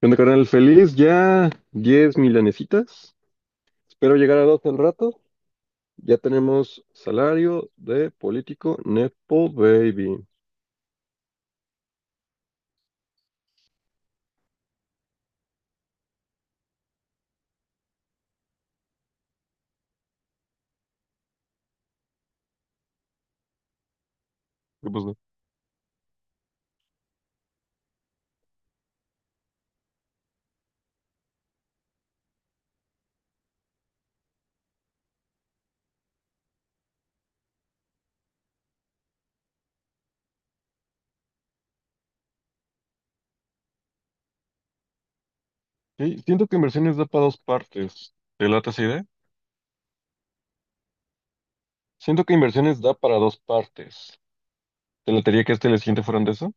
¿Qué onda, carnal? Feliz, ya 10 milanesitas. Espero llegar a 12 al rato. Ya tenemos salario de político Nepo Baby. ¿Qué pasó? Sí, siento que inversiones da para dos partes. ¿Te late esa idea? Siento que inversiones da para dos partes. ¿Te latería que este y el siguiente fueran de eso?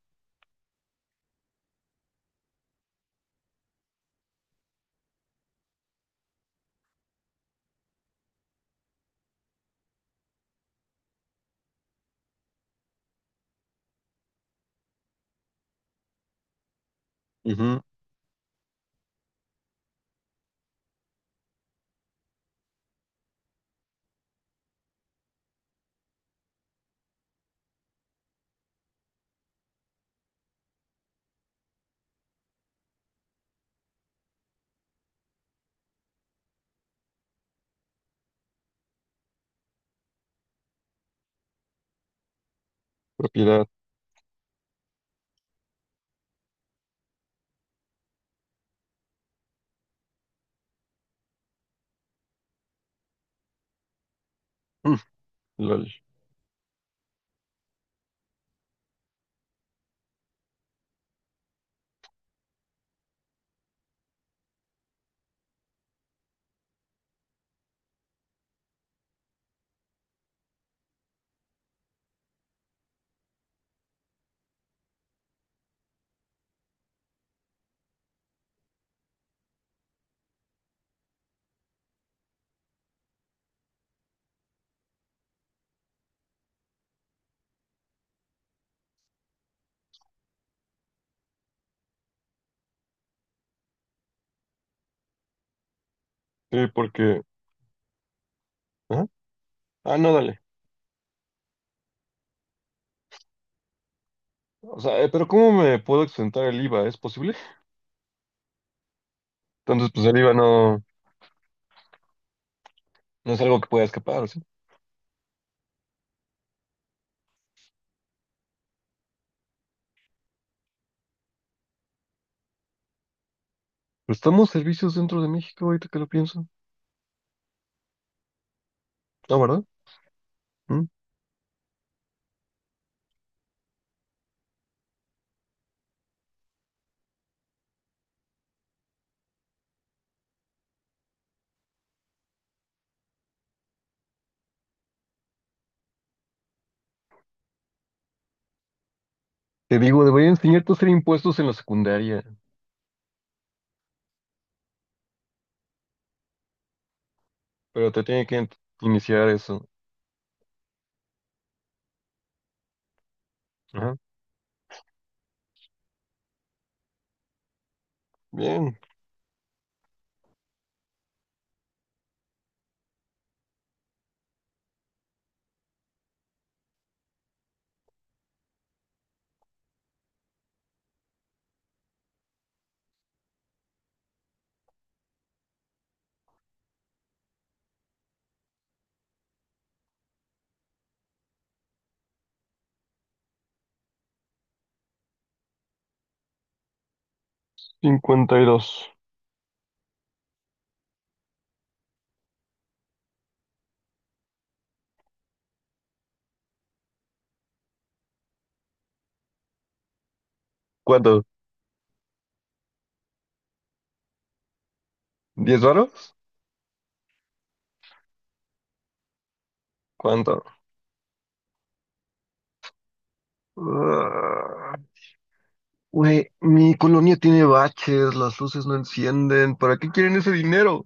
Ujú. Propiedad. Mm, lol. Sí, porque... ¿Ah? Ah, no, dale. O sea, pero ¿cómo me puedo exentar el IVA? ¿Es posible? Entonces, pues el IVA no, no es algo que pueda escapar, ¿sí? Prestamos servicios dentro de México, ahorita que lo pienso. Ah, ¿verdad? ¿Mm? Te digo, debería enseñarte a hacer impuestos en la secundaria, pero te tiene que iniciar eso. Ajá. Bien, 52. ¿Cuánto? ¿10 varos? ¿Cuánto? Ah, güey, mi colonia tiene baches, las luces no encienden. ¿Para qué quieren ese dinero?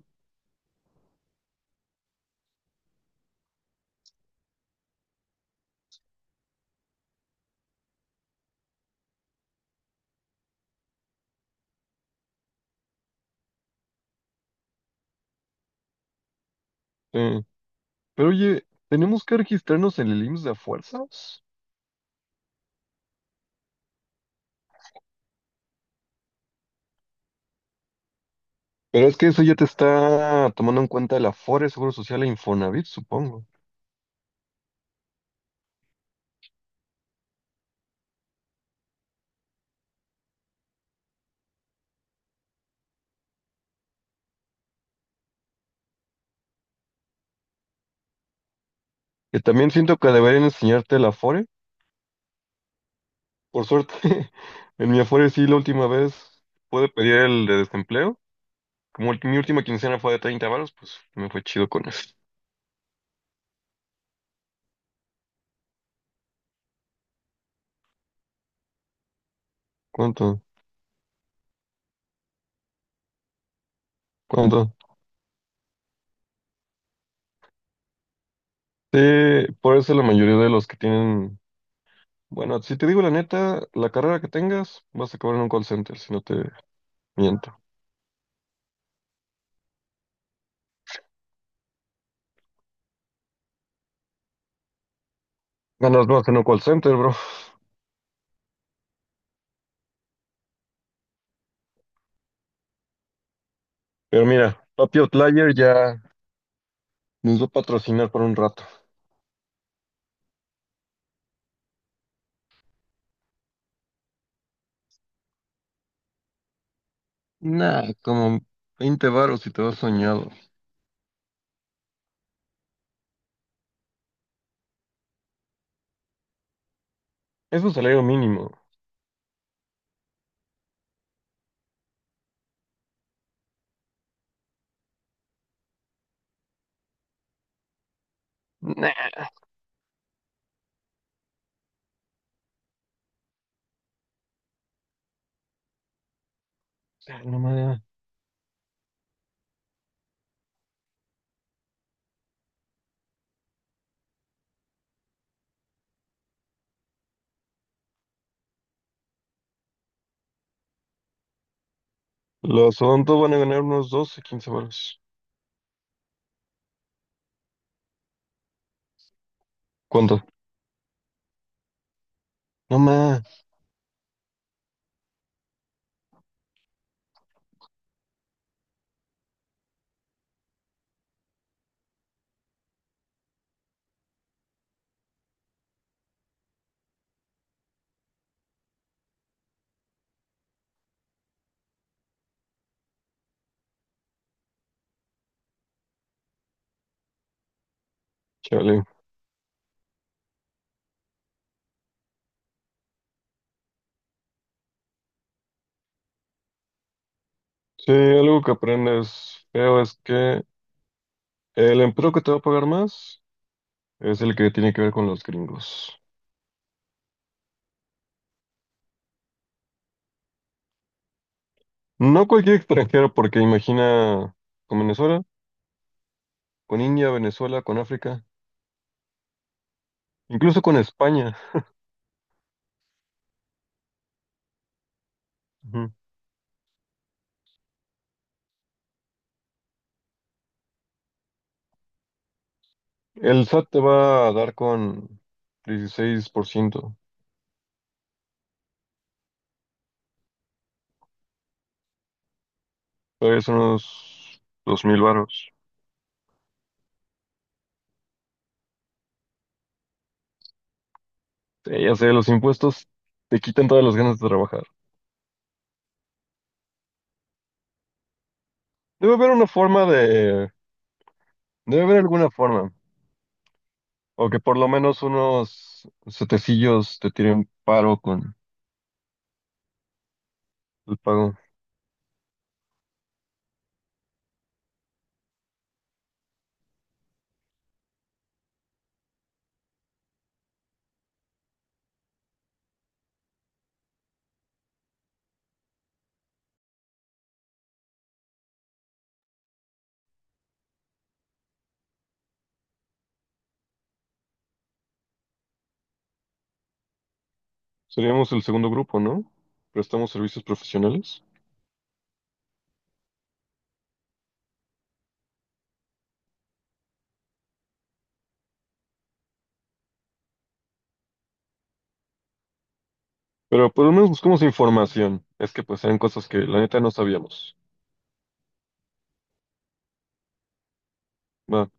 Eh, pero oye, ¿tenemos que registrarnos en el IMSS de a fuerzas? Pero es que eso ya te está tomando en cuenta el Afore, Seguro Social e Infonavit, supongo. Que también siento que deberían enseñarte el Afore. Por suerte, en mi Afore sí, la última vez pude pedir el de desempleo. Como mi última quincena fue de 30 varos, pues me fue chido con eso. ¿Cuánto? ¿Cuánto? Sí, por eso la mayoría de los que tienen... Bueno, si te digo la neta, la carrera que tengas, vas a acabar en un call center, si no te miento. Ganas más en un call center, bro. Pero mira, Papi Outlier ya nos va a patrocinar por un rato. Nah, como 20 varos si te vas soñado. Es un salario mínimo. Nah, no más. Los odontos van a ganar unos 12, 15 baros. ¿Cuánto? No más. Chale. Sí, algo que aprendes feo es que el empleo que te va a pagar más es el que tiene que ver con los gringos. No cualquier extranjero, porque imagina con Venezuela, con India, Venezuela, con África, incluso con España. Ujú. El SAT te va a dar con 16%. Todavía son unos 2 mil varos. Ya sé, los impuestos te quitan todas las ganas de trabajar. Debe haber una forma de... Debe haber alguna forma. O que por lo menos unos setecillos te tiren paro con el pago. Seríamos el segundo grupo, ¿no? Prestamos servicios profesionales. Pero por lo menos buscamos información. Es que pues eran cosas que la neta no sabíamos. Va.